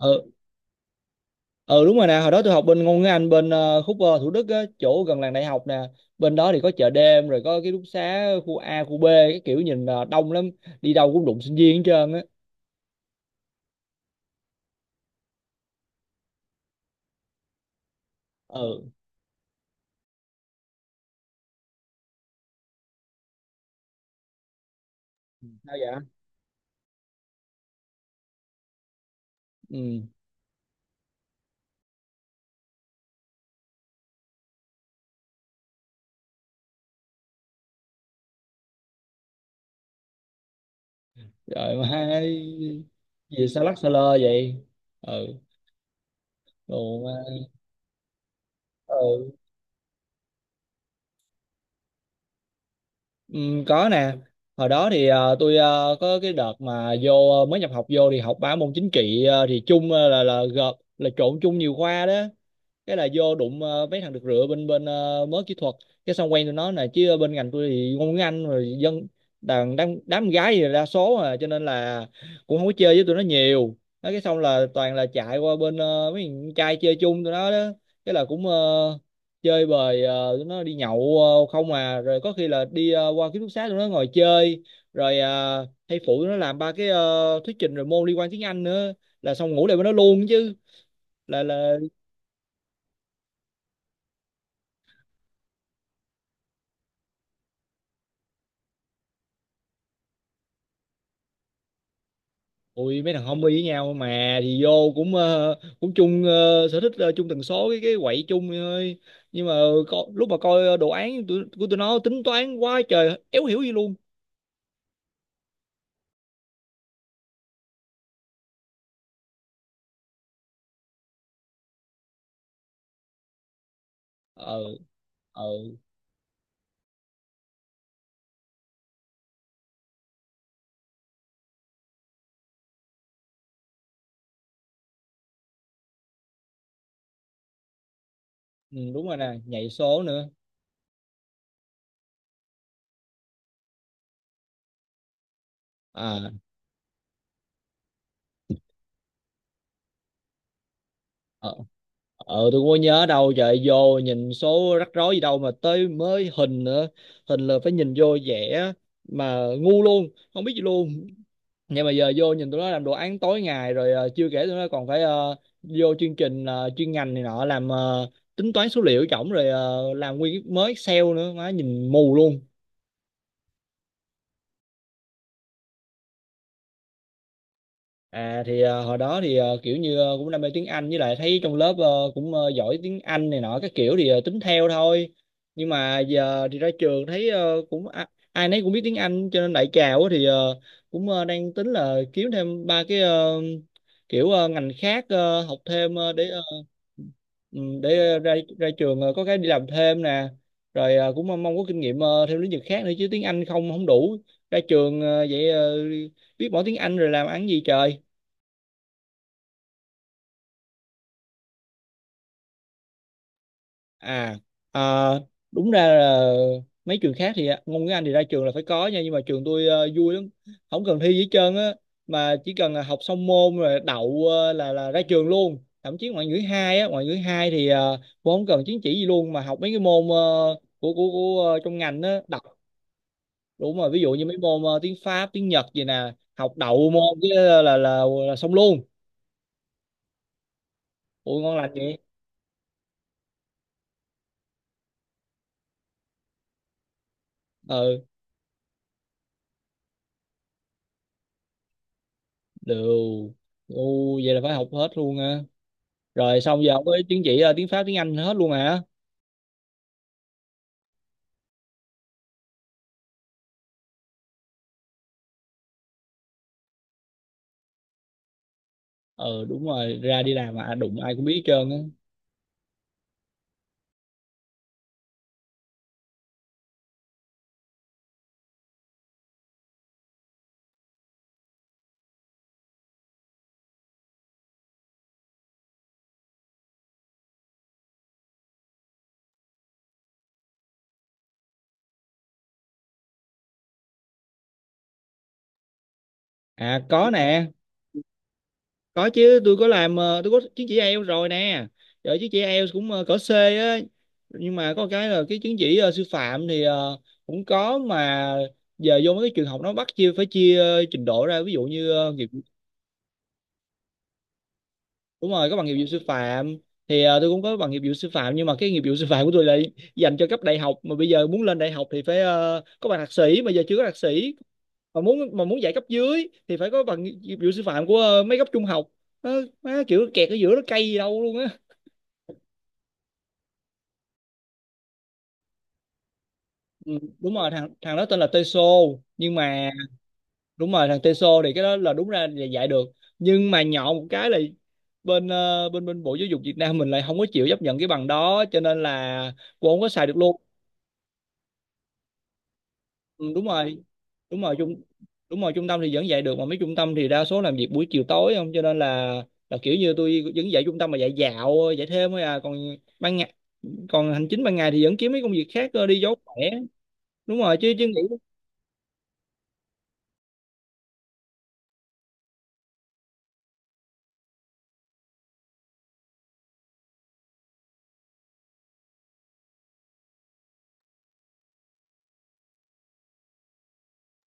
ừ ừ, đúng rồi nè, hồi đó tôi học bên ngôn ngữ Anh bên khúc Thủ Đức á, chỗ gần làng đại học nè. Bên đó thì có chợ đêm rồi có ký túc xá khu A khu B, cái kiểu nhìn đông lắm, đi đâu cũng đụng sinh viên hết trơn á. Ừ. Sao vậy? Ừ. Rồi mà hai gì sao lắc sao lơ vậy? Ừ. Đồ mà. Ừ. Ừ, có nè. Hồi đó thì tôi có cái đợt mà vô mới nhập học vô thì học ba môn chính trị thì chung, là gộp là trộn chung nhiều khoa đó. Cái là vô đụng mấy thằng được rửa bên bên mớ kỹ thuật, cái xong quen tụi nó nè. Chứ bên ngành tôi thì ngôn ngữ Anh rồi dân đàn đám, đám gái thì đa số à, cho nên là cũng không có chơi với tụi nó nhiều. Nói cái xong là toàn là chạy qua bên mấy thằng trai chơi chung tụi nó đó, cái là cũng chơi bời tụi nó đi nhậu, không à, rồi có khi là đi qua ký túc xá tụi nó ngồi chơi, rồi hay phụ tụi nó làm ba cái thuyết trình rồi môn liên quan tiếng Anh nữa, là xong ngủ lại với nó luôn chứ. Là Ui mấy thằng homie với nhau mà thì vô cũng cũng chung sở thích, chung tần số, cái quậy chung vậy thôi. Nhưng mà lúc mà coi đồ án của tụi nó tính toán quá trời éo hiểu gì luôn. Ờ. Ờ. Ừ, đúng rồi nè, nhảy số nữa. À. Ờ. Ờ, tôi cũng có nhớ đâu trời, vô nhìn số rắc rối gì đâu, mà tới mới hình nữa. Hình là phải nhìn vô vẽ mà ngu luôn, không biết gì luôn. Nhưng mà giờ vô nhìn tụi nó làm đồ án tối ngày, rồi chưa kể tụi nó còn phải vô chương trình chuyên ngành này nọ, làm tính toán số liệu chổng, rồi làm nguyên cái mới Excel nữa, má nhìn mù luôn. À thì hồi đó thì kiểu như cũng đam mê tiếng Anh, với lại thấy trong lớp cũng giỏi tiếng Anh này nọ các kiểu, thì tính theo thôi. Nhưng mà giờ thì ra trường thấy cũng ai nấy cũng biết tiếng Anh, cho nên đại trà quá thì cũng đang tính là kiếm thêm ba cái kiểu ngành khác học thêm để ừ, để ra ra trường có cái đi làm thêm nè. Rồi cũng mong mong có kinh nghiệm thêm lĩnh vực khác nữa, chứ tiếng Anh không không đủ, ra trường vậy biết mỗi tiếng Anh rồi làm ăn gì trời. À. ờ, Đúng ra là mấy trường khác thì ngôn ngữ Anh thì ra trường là phải có nha, nhưng mà trường tôi vui lắm, không cần thi gì hết trơn á, mà chỉ cần là học xong môn rồi đậu là ra trường luôn. Thậm chí ngoại ngữ hai á, ngoại ngữ hai thì cũng không cần chứng chỉ gì luôn, mà học mấy cái môn của trong ngành á đậu. Đúng rồi, ví dụ như mấy môn tiếng Pháp tiếng Nhật gì nè, học đậu môn cái là là xong luôn. Ui ngon lành vậy. Ừ. Đều. U vậy là phải học hết luôn ha. Rồi xong giờ với chứng chỉ tiếng Pháp tiếng Anh hết luôn hả. Ừ đúng rồi, ra đi làm mà, à, đụng ai cũng biết hết trơn á. À có nè. Có chứ, tôi có làm tôi có chứng chỉ IELTS rồi nè. Rồi chứng chỉ IELTS cũng cỡ C á. Nhưng mà có cái là cái chứng chỉ sư phạm thì cũng có mà, giờ vô mấy cái trường học nó bắt chia, phải chia trình độ ra, ví dụ như nghiệp. Đúng rồi có bằng nghiệp vụ sư phạm. Thì tôi cũng có bằng nghiệp vụ sư phạm, nhưng mà cái nghiệp vụ sư phạm của tôi là dành cho cấp đại học, mà bây giờ muốn lên đại học thì phải có bằng thạc sĩ, mà giờ chưa có thạc sĩ. Mà muốn dạy cấp dưới thì phải có bằng nghiệp vụ sư phạm của mấy cấp trung học. nó, nó kiểu kẹt ở giữa, nó cay gì đâu luôn á. Ừ, đúng rồi, thằng thằng đó tên là Teso. Nhưng mà đúng rồi, thằng Teso thì cái đó là đúng ra là dạy được, nhưng mà nhọ một cái là bên bên bên Bộ Giáo dục Việt Nam mình lại không có chịu chấp nhận cái bằng đó, cho nên là cô không có xài được luôn. Ừ, đúng rồi. Đúng rồi. Đúng rồi, trung tâm thì vẫn dạy được, mà mấy trung tâm thì đa số làm việc buổi chiều tối không, cho nên là kiểu như tôi vẫn dạy trung tâm mà dạy dạo dạy thêm thôi à. Còn ban ngày, còn hành chính ban ngày thì vẫn kiếm mấy công việc khác đi cho khỏe. Đúng rồi chứ chứ nghĩ.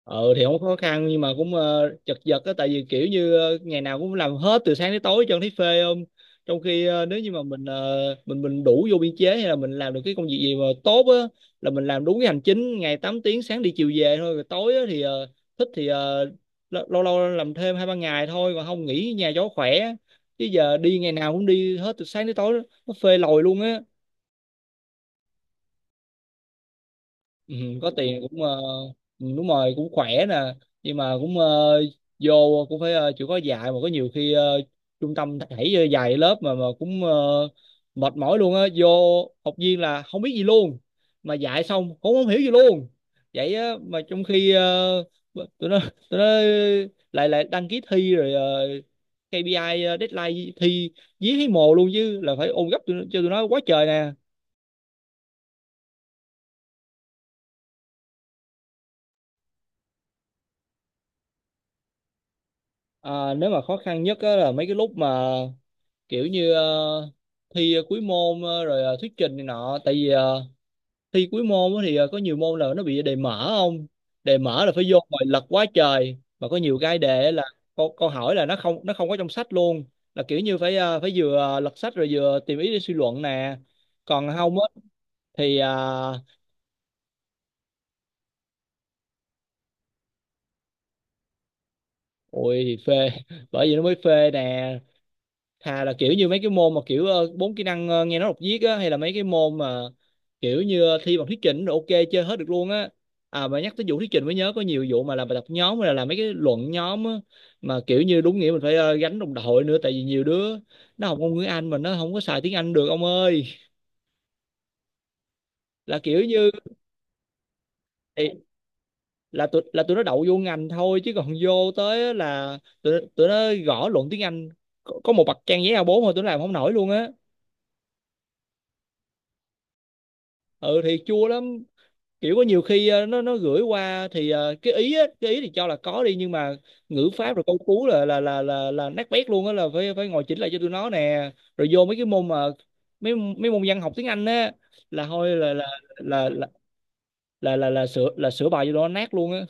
Ờ thì không có khó khăn, nhưng mà cũng chật vật á, tại vì kiểu như ngày nào cũng làm hết từ sáng tới tối cho thấy phê không. Trong khi nếu như mà mình mình đủ vô biên chế, hay là mình làm được cái công việc gì mà tốt á, là mình làm đúng cái hành chính ngày 8 tiếng, sáng đi chiều về thôi, rồi tối á, thì thích thì lâu lâu làm thêm hai ba ngày thôi, còn không nghỉ nhà cho khỏe. Chứ giờ đi ngày nào cũng đi hết từ sáng tới tối, nó phê lòi luôn á. Ừ. Có tiền cũng ừ, đúng rồi, cũng khỏe nè. Nhưng mà cũng vô cũng phải chịu khó dạy, mà có nhiều khi trung tâm thảy dạy lớp mà cũng mệt mỏi luôn á. Vô học viên là không biết gì luôn, mà dạy xong cũng không hiểu gì luôn vậy á. Mà trong khi ờ, tụi nó tụi nó lại lại đăng ký thi rồi KPI, deadline thi dí thấy mồ luôn, chứ là phải ôn gấp cho tụi nó quá trời nè. À, nếu mà khó khăn nhất á là mấy cái lúc mà kiểu như thi cuối môn rồi thuyết trình này nọ, tại vì thi cuối môn á thì có nhiều môn là nó bị đề mở không. Đề mở là phải vô ngồi lật quá trời, mà có nhiều cái đề á là câu hỏi là nó không có trong sách luôn, là kiểu như phải phải vừa lật sách rồi vừa tìm ý để suy luận nè. Còn không á thì ôi thì phê bởi vì nó mới phê nè. Thà là kiểu như mấy cái môn mà kiểu bốn kỹ năng nghe nói đọc viết á, hay là mấy cái môn mà kiểu như thi bằng thuyết trình rồi ok, chơi hết được luôn á. À mà nhắc tới vụ thuyết trình mới nhớ, có nhiều vụ mà làm bài tập nhóm, hay là làm mấy cái luận nhóm á, mà kiểu như đúng nghĩa mình phải gánh đồng đội nữa, tại vì nhiều đứa nó học ngôn ngữ Anh mà nó không có xài tiếng Anh được ông ơi. Là kiểu như thì là tụi nó đậu vô ngành thôi, chứ còn vô tới á là tụi nó gõ luận tiếng Anh có một bậc trang giấy A4 thôi tụi nó làm không nổi luôn á. Ừ thì chua lắm. Kiểu có nhiều khi nó gửi qua thì cái ý thì cho là có đi, nhưng mà ngữ pháp rồi câu cú là nát bét luôn á, là phải phải ngồi chỉnh lại cho tụi nó nè. Rồi vô mấy cái môn mà mấy mấy môn văn học tiếng Anh á là thôi là là là sửa sửa bài cho tụi nó nát luôn á.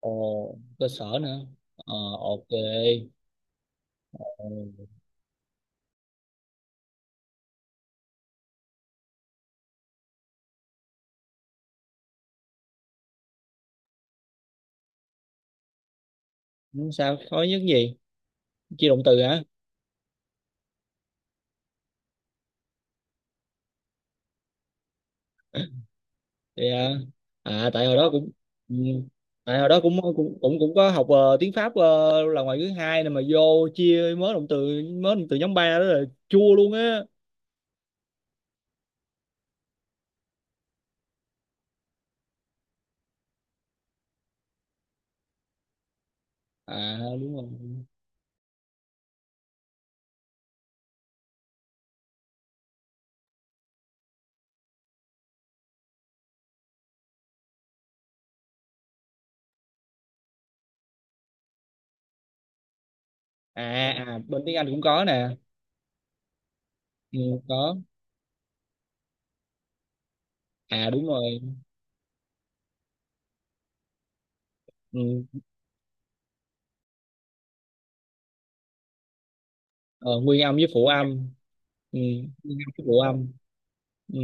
Ồ. Cơ sở nữa. Ờ. Ok. Ừ, sao khó nhất gì, chia động từ hả? Thì, à, À, tại hồi đó cũng, ừ, tại hồi đó cũng cũng cũng cũng có học tiếng Pháp là ngoại ngữ hai này, mà vô chia mới động từ, mới động từ nhóm ba đó là chua luôn á. À đúng rồi. À. À bên tiếng Anh cũng có nè. Ừ, có. À đúng rồi. Ừ. Ờ, nguyên âm với phụ âm. Ừ. Nguyên âm với phụ âm. Ừ.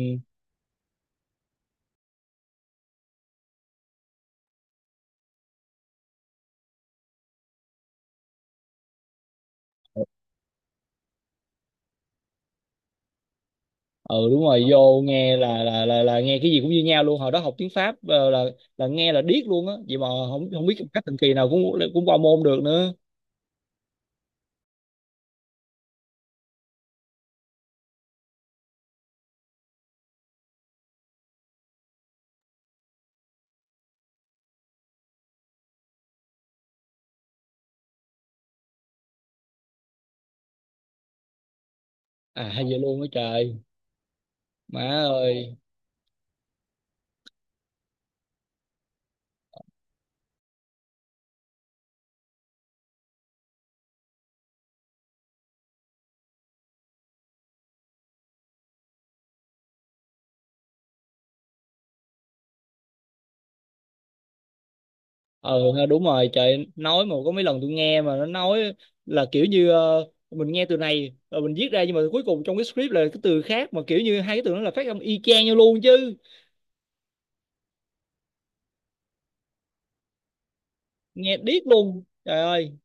Ừ đúng rồi, vô nghe là nghe cái gì cũng như nhau luôn. Hồi đó học tiếng Pháp là nghe là điếc luôn á, vậy mà không không biết cách thần kỳ nào cũng cũng qua môn được nữa. À hay vậy luôn á trời. Má ơi. Ờ ha, đúng rồi trời. Nói mà có mấy lần tôi nghe mà nó nói, là kiểu như mình nghe từ này rồi mình viết ra, nhưng mà cuối cùng trong cái script là cái từ khác, mà kiểu như hai cái từ nó là phát âm y chang nhau luôn chứ. Nghe điếc luôn trời ơi.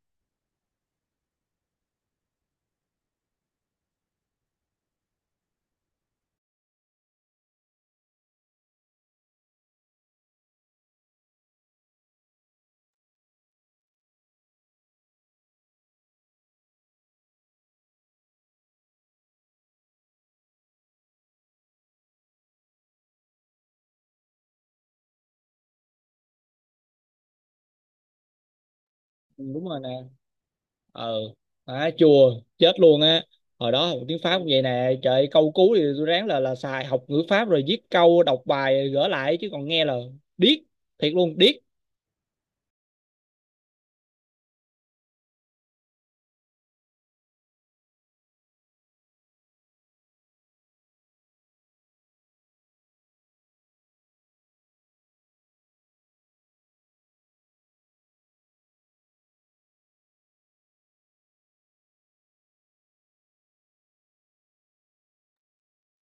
Ừ, đúng rồi nè. Ờ. Má chùa chết luôn á. Hồi đó học tiếng Pháp cũng vậy nè trời, câu cú thì tôi ráng là xài học ngữ Pháp, rồi viết câu đọc bài gỡ lại, chứ còn nghe là điếc, thiệt luôn điếc.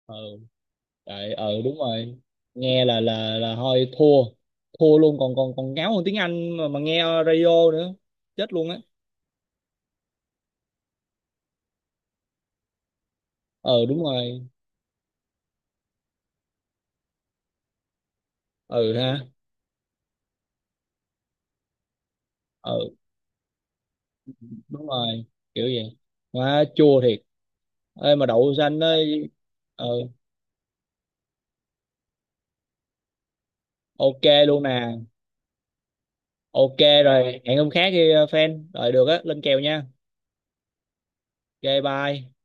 Ờ. Đấy, ừ đúng rồi. Nghe là thôi thua, thua luôn, còn còn còn ngáo hơn tiếng Anh mà nghe radio nữa chết luôn á. Ừ đúng rồi. Ừ ha. Ừ đúng rồi. Kiểu vậy. Quá chua thiệt. Ê mà đậu xanh ấy. Ừ. Ok luôn nè. Ok. Rồi hẹn hôm khác đi fan rồi được á, lên kèo nha. Ok bye.